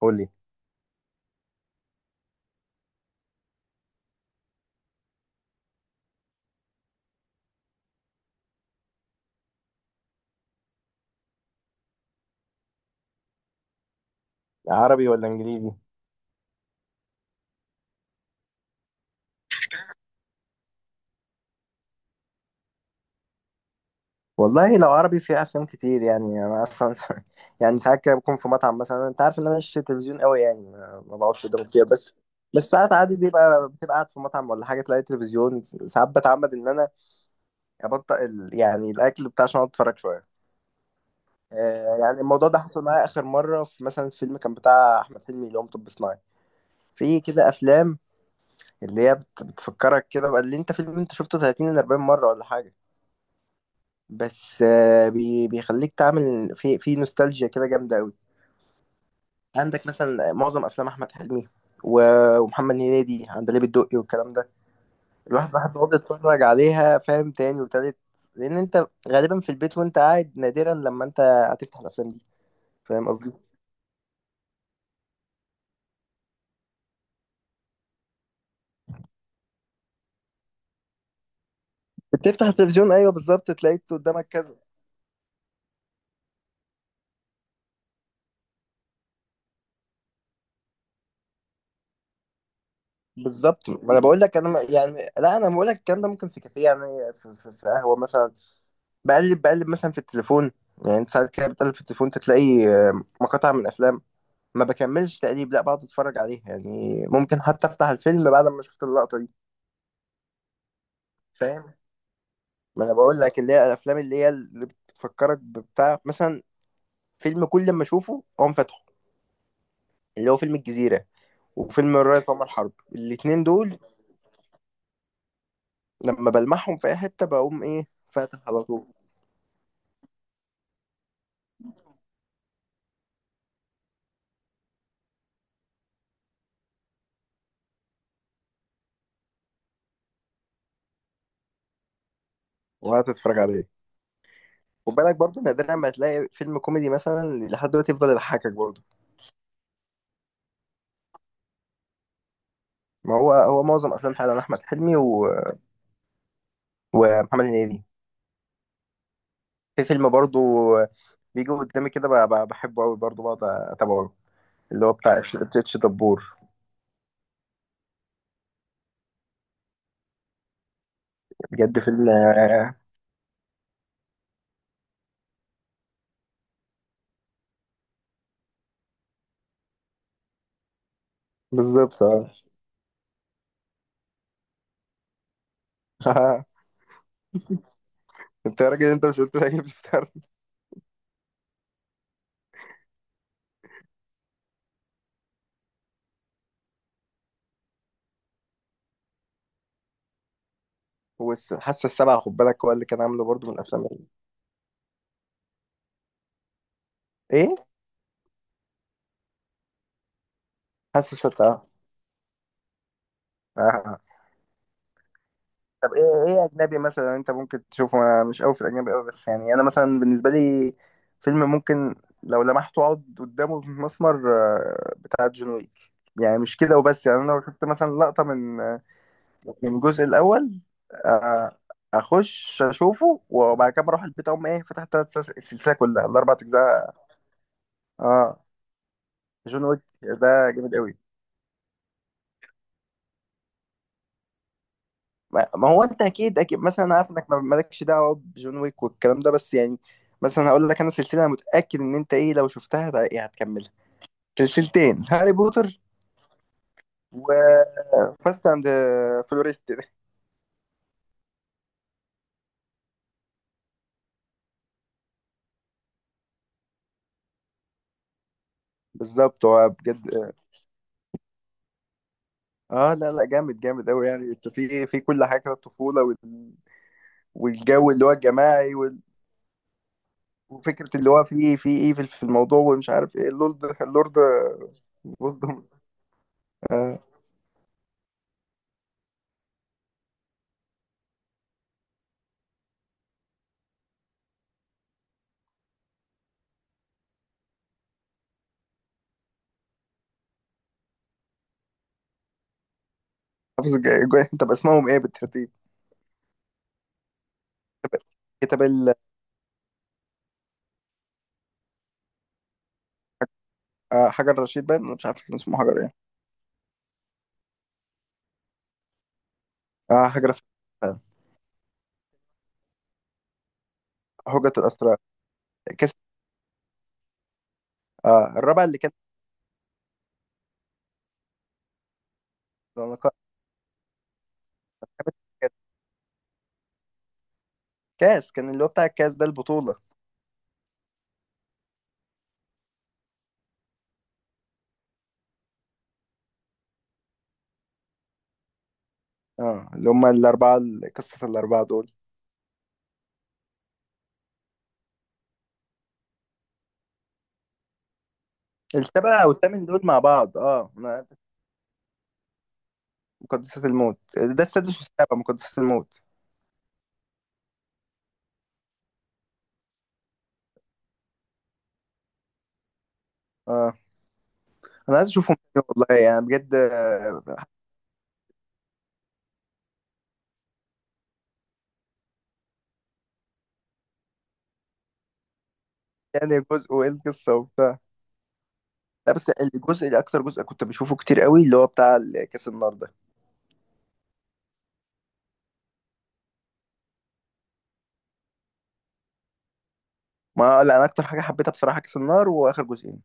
قول لي، عربي ولا انجليزي؟ والله لو عربي في افلام كتير، يعني انا اصلا. يعني ساعات كده بكون في مطعم مثلا، انت عارف ان انا مش تلفزيون قوي، يعني ما بقعدش قدامه كتير بس. بس ساعات عادي بتبقى قاعد في مطعم ولا حاجه، تلاقي تلفزيون، ساعات بتعمد ان انا ابطئ يعني الاكل بتاع عشان أقعد اتفرج شويه. يعني الموضوع ده حصل معايا اخر مره في مثلا فيلم كان بتاع احمد حلمي اللي هو مطب صناعي. في كده افلام اللي هي بتفكرك كده بقى، اللي انت فيلم انت شفته 30 ل 40 مره ولا حاجه. بس بيخليك تعمل في نوستالجيا كده جامده قوي. عندك مثلا معظم افلام احمد حلمي و- ومحمد هنيدي، عندليب الدقي والكلام ده. الواحد بقى بيقعد يتفرج عليها، فاهم؟ تاني وتالت، لان انت غالبا في البيت وانت قاعد، نادرا لما انت هتفتح الافلام دي، فاهم قصدي؟ بتفتح التلفزيون، ايوه بالظبط، تلاقيت قدامك كذا. بالظبط، ما انا بقول لك، انا يعني لا، انا بقول لك الكلام ده ممكن في كافيه، يعني في قهوه مثلا. بقلب مثلا في التليفون، يعني انت ساعات كده بتقلب في التليفون، تلاقي مقاطع من افلام. ما بكملش تقريب، لا بقعد اتفرج عليها يعني. ممكن حتى افتح الفيلم بعد ما شفت اللقطة دي، فاهم؟ ما انا بقول لك اللي هي الافلام، اللي بتفكرك ببتاع، مثلا فيلم كل ما اشوفه اقوم فاتحه. اللي هو فيلم الجزيرة، وفيلم الريس عمر حرب، الاتنين دول. لما بلمحهم في اي حتة بقوم ايه، فاتح على طول وقعدت اتفرج عليه. خد بالك برضه، نادرا ما تلاقي فيلم كوميدي مثلا لحد دلوقتي يفضل يضحكك برضه. ما هو معظم افلام فعلا احمد حلمي و... ومحمد هنيدي. في فيلم برضو بيجي قدامي كده بحبه قوي برضو، بقعد اتابعه، اللي هو بتاع تتش دبور، بجد فيلم. بالظبط اه. انت يا راجل، انت مش قلت لي هجيب الفطار؟ وحاسه السبعه خد بالك، هو اللي كان عامله برضو، من الافلام ايه. حاسه السبعه. آه. طب ايه اجنبي مثلا انت ممكن تشوفه؟ انا مش قوي في الاجنبي قوي، بس يعني انا مثلا بالنسبه لي، فيلم ممكن لو لمحته اقعد قدامه في مسمر، بتاع جون ويك. يعني مش كده وبس، يعني انا لو شفت مثلا لقطه من من الجزء الاول، آه، اخش اشوفه وبعد كده بروح البيت اقوم ايه، فتحت السلسله كلها الاربع اجزاء. اه، جون ويك ده جامد قوي. ما هو انت اكيد اكيد مثلا، انا عارف انك مالكش دعوه بجون ويك والكلام ده، بس يعني مثلا هقول لك، انا سلسله انا متاكد ان انت ايه لو شفتها يعني هتكملها. سلسلتين، هاري بوتر وفاست اند فلوريست ده. بالظبط، هو بجد اه لا لا جامد جامد قوي، يعني انت في في كل حاجه، الطفوله وال... والجو اللي هو الجماعي وال... وفكره اللي هو في في ايفل في الموضوع، ومش عارف ايه، اللورد اللورد آه، حافظ طب اسمهم ايه بالترتيب؟ كتاب حجر رشيد باين، مش عارف كان اسمه حجر ايه. آه حجر، فعلا. هجة الأسرى. كاس الرابع اللي كان. كان- كاس كان اللي هو بتاع الكاس ده، البطولة. اه، اللي هم الأربعة قصة الأربعة دول. السبعة والثامن دول مع بعض اه مقدسات الموت ده السادس والسابع، مقدسات الموت. اه، أنا عايز أشوفهم تاني والله، يعني بجد يعني جزء وإيه القصة وبتاع. لا بس الجزء، اللي أكتر جزء كنت بشوفه كتير قوي، اللي هو بتاع كاس النار ده. ما لا، أنا أكتر حاجة حبيتها بصراحة كاس النار وآخر جزئين.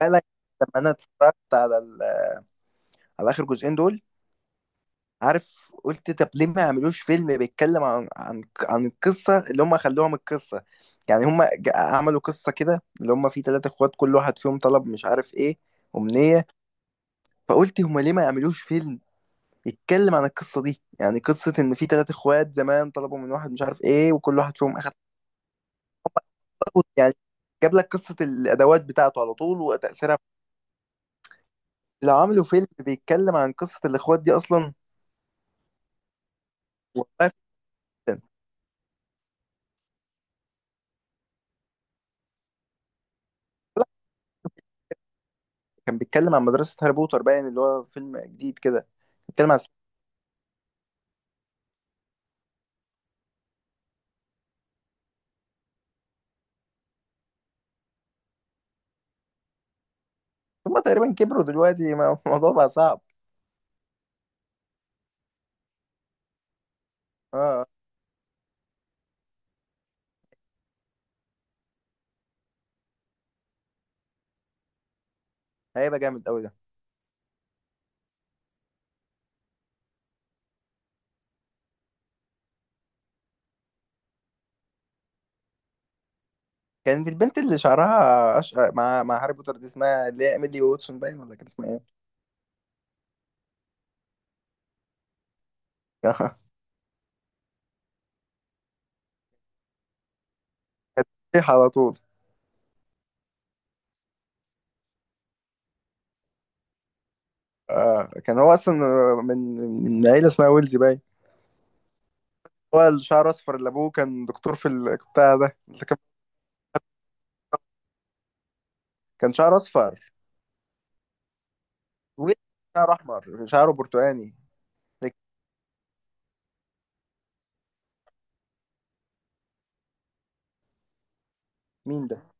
فعلا، لما انا اتفرجت على على اخر جزئين دول، عارف قلت طب ليه ما يعملوش فيلم بيتكلم عن القصه اللي هم خلوها من القصه. يعني هم عملوا قصه كده اللي هم فيه ثلاثة اخوات، كل واحد فيهم طلب مش عارف ايه، امنيه. فقلت هم ليه ما يعملوش فيلم يتكلم عن القصه دي، يعني قصه ان في ثلاثة اخوات زمان طلبوا من واحد مش عارف ايه، وكل واحد فيهم اخد طلبه. يعني جاب لك قصه الادوات بتاعته على طول وتاثيرها. لو عملوا فيلم بيتكلم عن قصه الاخوات دي اصلا والله. كان بيتكلم عن مدرسة هاري بوتر باين، اللي هو فيلم جديد كده بيتكلم عن. هما تقريبا كبروا دلوقتي الموضوع بقى صعب. اه، هيبقى جامد قوي ده. كانت البنت اللي شعرها أشقر مع هاري بوتر دي، اسمها اللي هي إيميلي واتسون باين ولا كان اسمها ايه؟ كانت بتطيح على طول. آه، كان هو أصلا من من عيلة اسمها ويلزي باين. هو الشعر أصفر، اللي أبوه كان دكتور في البتاع ده، اللي كان شعر أصفر. ويلزي، شعر أحمر شعره برتقاني. لكن مين ده؟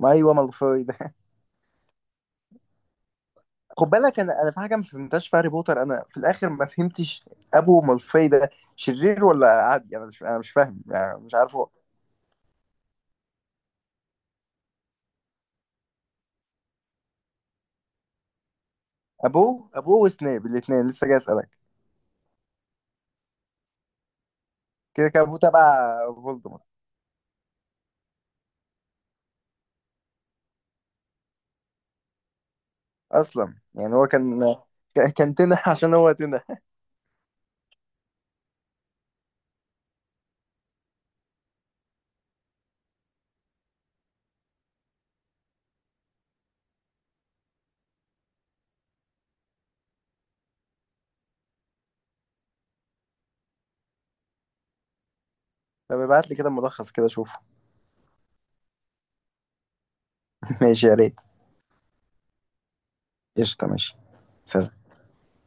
ما أيوه، مالفوي ده. خد بالك انا في حاجه ما فهمتهاش في هاري بوتر، انا في الاخر ما فهمتش ابو مالفاي ده شرير ولا عادي؟ انا مش فاهم، يعني مش عارف هو. ابوه، ابوه وسنيب الاثنين لسه جاي اسالك. كده كان ابوه تبع فولدمورت اصلا، يعني هو كان كان تنح عشان هو تنح. طب ابعت لي كده ملخص كده اشوفه. ماشي يا ريت. قشطه، ماشي. سلام.